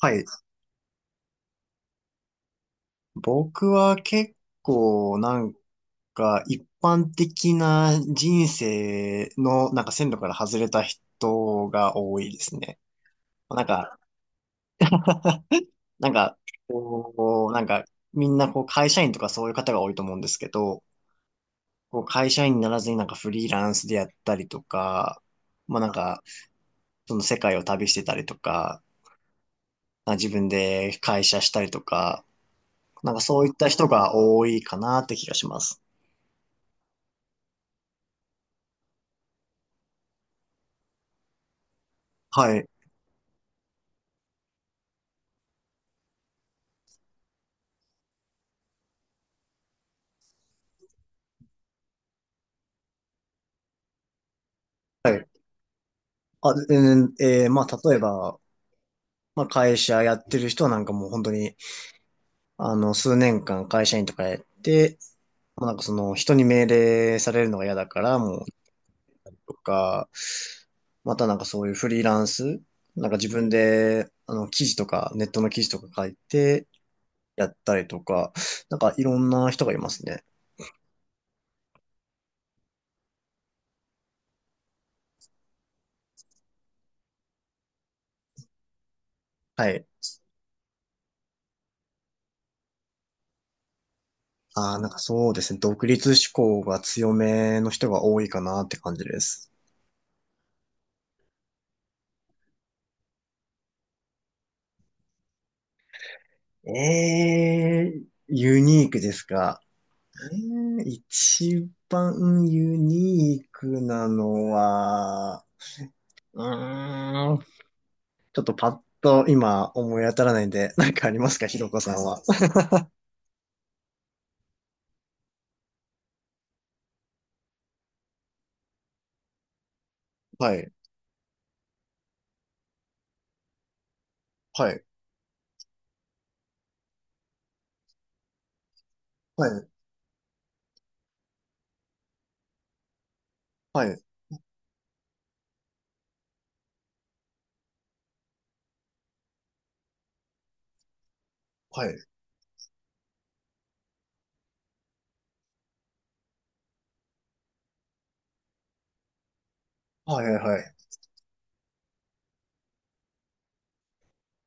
はい。僕は結構なんか一般的な人生のなんか線路から外れた人が多いですね。なんか、なんか、こう、なんかみんなこう会社員とかそういう方が多いと思うんですけど、こう会社員にならずになんかフリーランスでやったりとか、まあなんかその世界を旅してたりとか、まあ自分で会社したりとか、なんかそういった人が多いかなって気がします。はい。はい、あ、うん、まあ、例えば、まあ、会社やってる人はなんかもう本当に、数年間会社員とかやって、もうなんかその人に命令されるのが嫌だから、もう、とか、またなんかそういうフリーランス、なんか自分で、記事とか、ネットの記事とか書いてやったりとか、なんかいろんな人がいますね。はい。ああ、なんかそうですね。独立志向が強めの人が多いかなって感じです。ええ、ユニークですか？一番ユニークなのは、うーん、ちょっとパッと今思い当たらないんで、なんかありますか、ひろこさんは？はい、はい、はい、はい、はい、はい、はい。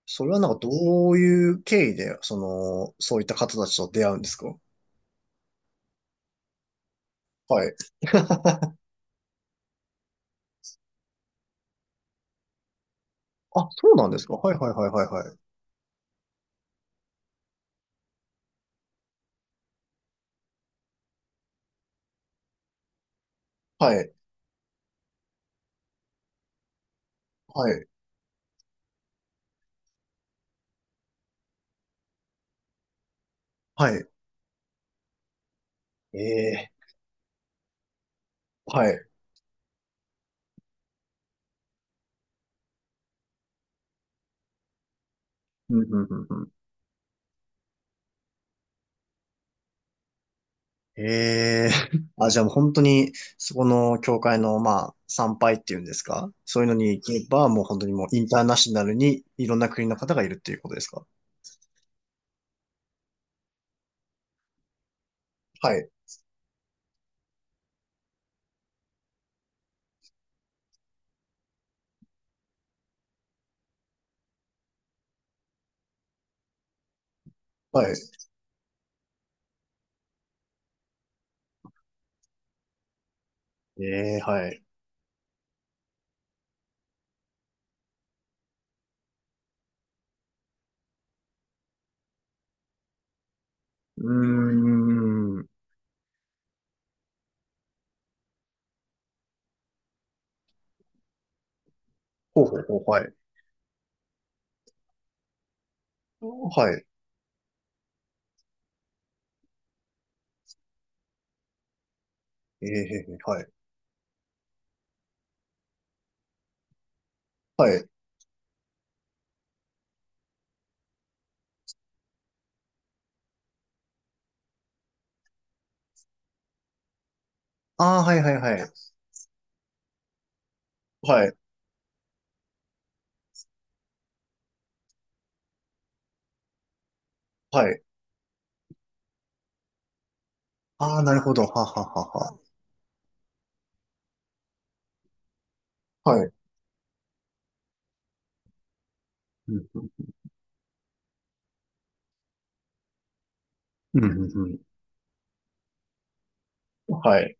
それはなんかどういう経緯で、その、そういった方たちと出会うんですか？はい。あ、そうなんですか。はい、はい、はい、はい、はい。はい、はい、はい。ええ、はい。うんうんうんうん、ええ。 あ、じゃあもう本当に、そこの教会の、まあ、参拝っていうんですか、そういうのに行けば、もう本当にもうインターナショナルにいろんな国の方がいるっていうことですか？はい。はい。ええ、はい。うーん。ほうほうほう、はい。はい。ええ、はい。はい。ああ、はいはいはい。はい。はい。ああ、なるほど。はははは。はい。うん、うん、うん、うん、はい。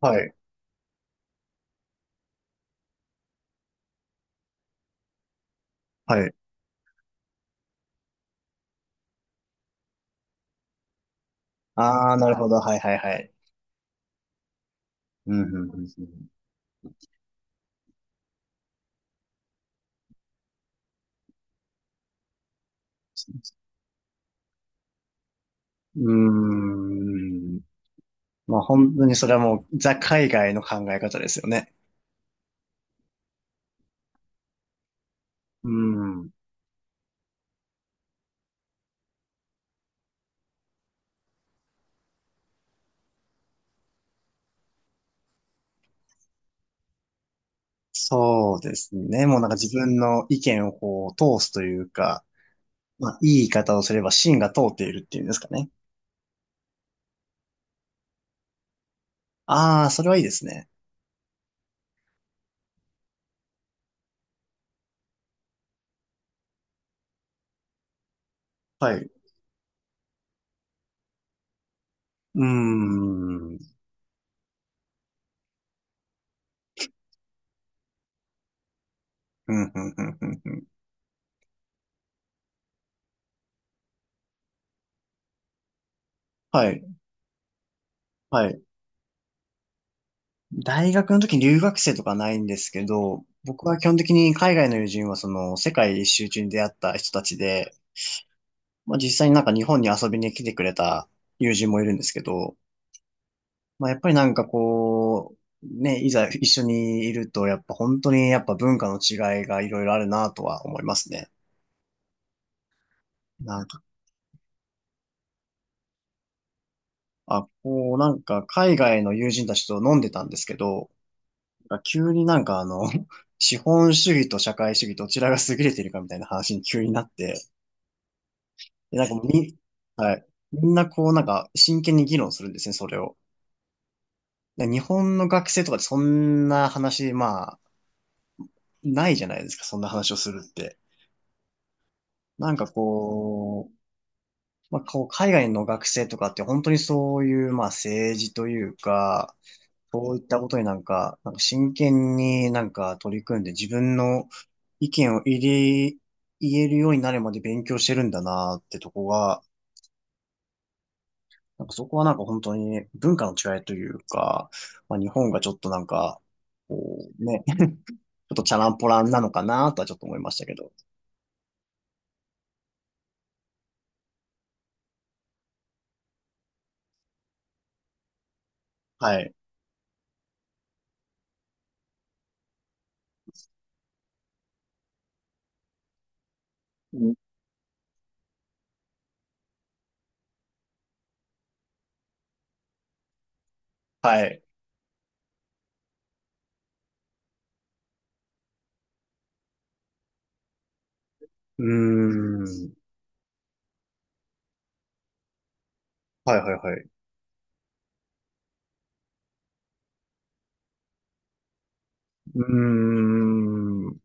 はい。はい。ああ、なるほど。はいはいはい。うん、うん、うん。うん、うーん。まあ本当にそれはもうザ海外の考え方ですよね。うん。そうですね。もうなんか自分の意見をこう通すというか、まあいい言い方をすれば芯が通っているっていうんですかね。ああ、それはいいですね。はい。うーん。うん、うん、うん、うん。うん、はい。はい。大学の時に留学生とかないんですけど、僕は基本的に海外の友人はその世界一周中に出会った人たちで、まあ、実際になんか日本に遊びに来てくれた友人もいるんですけど、まあ、やっぱりなんかこう、ね、いざ一緒にいると、やっぱ本当にやっぱ文化の違いがいろいろあるなとは思いますね。なんか、あ、こう、なんか海外の友人たちと飲んでたんですけど、なんか急になんか資本主義と社会主義どちらが優れているかみたいな話に急になって、で、なんかもうみ、はい。みんなこうなんか真剣に議論するんですね、それを。で、日本の学生とかでそんな話、ないじゃないですか、そんな話をするって。なんかこう、まあ、こう海外の学生とかって本当にそういう、まあ、政治というか、そういったことになんか、なんか真剣になんか取り組んで自分の意見を入れ、言えるようになるまで勉強してるんだなってとこが、なんかそこはなんか本当に文化の違いというか、まあ、日本がちょっとなんか、こうね、ちょっとチャランポランなのかなとはちょっと思いましたけど。はい。うん、はい。うーん。はいはいはい。うーん。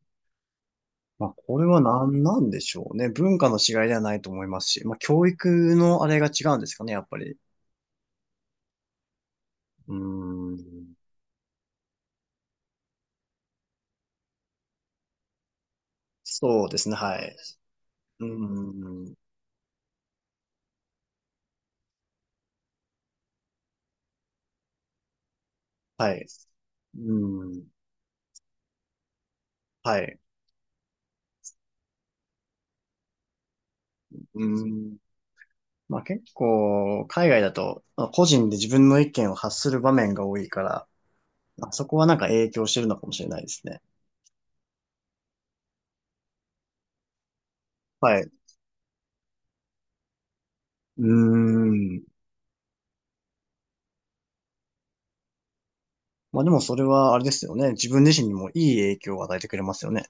まあ、これは何なんでしょうね。文化の違いではないと思いますし、まあ、教育のあれが違うんですかね、やっぱり。うーん。そうですね、はい。うーん。はい。うーん。はい。うーん。まあ、結構、海外だと、まあ個人で自分の意見を発する場面が多いから、まあそこはなんか影響してるのかもしれないですね。はい。うーん。まあでもそれはあれですよね。自分自身にもいい影響を与えてくれますよね。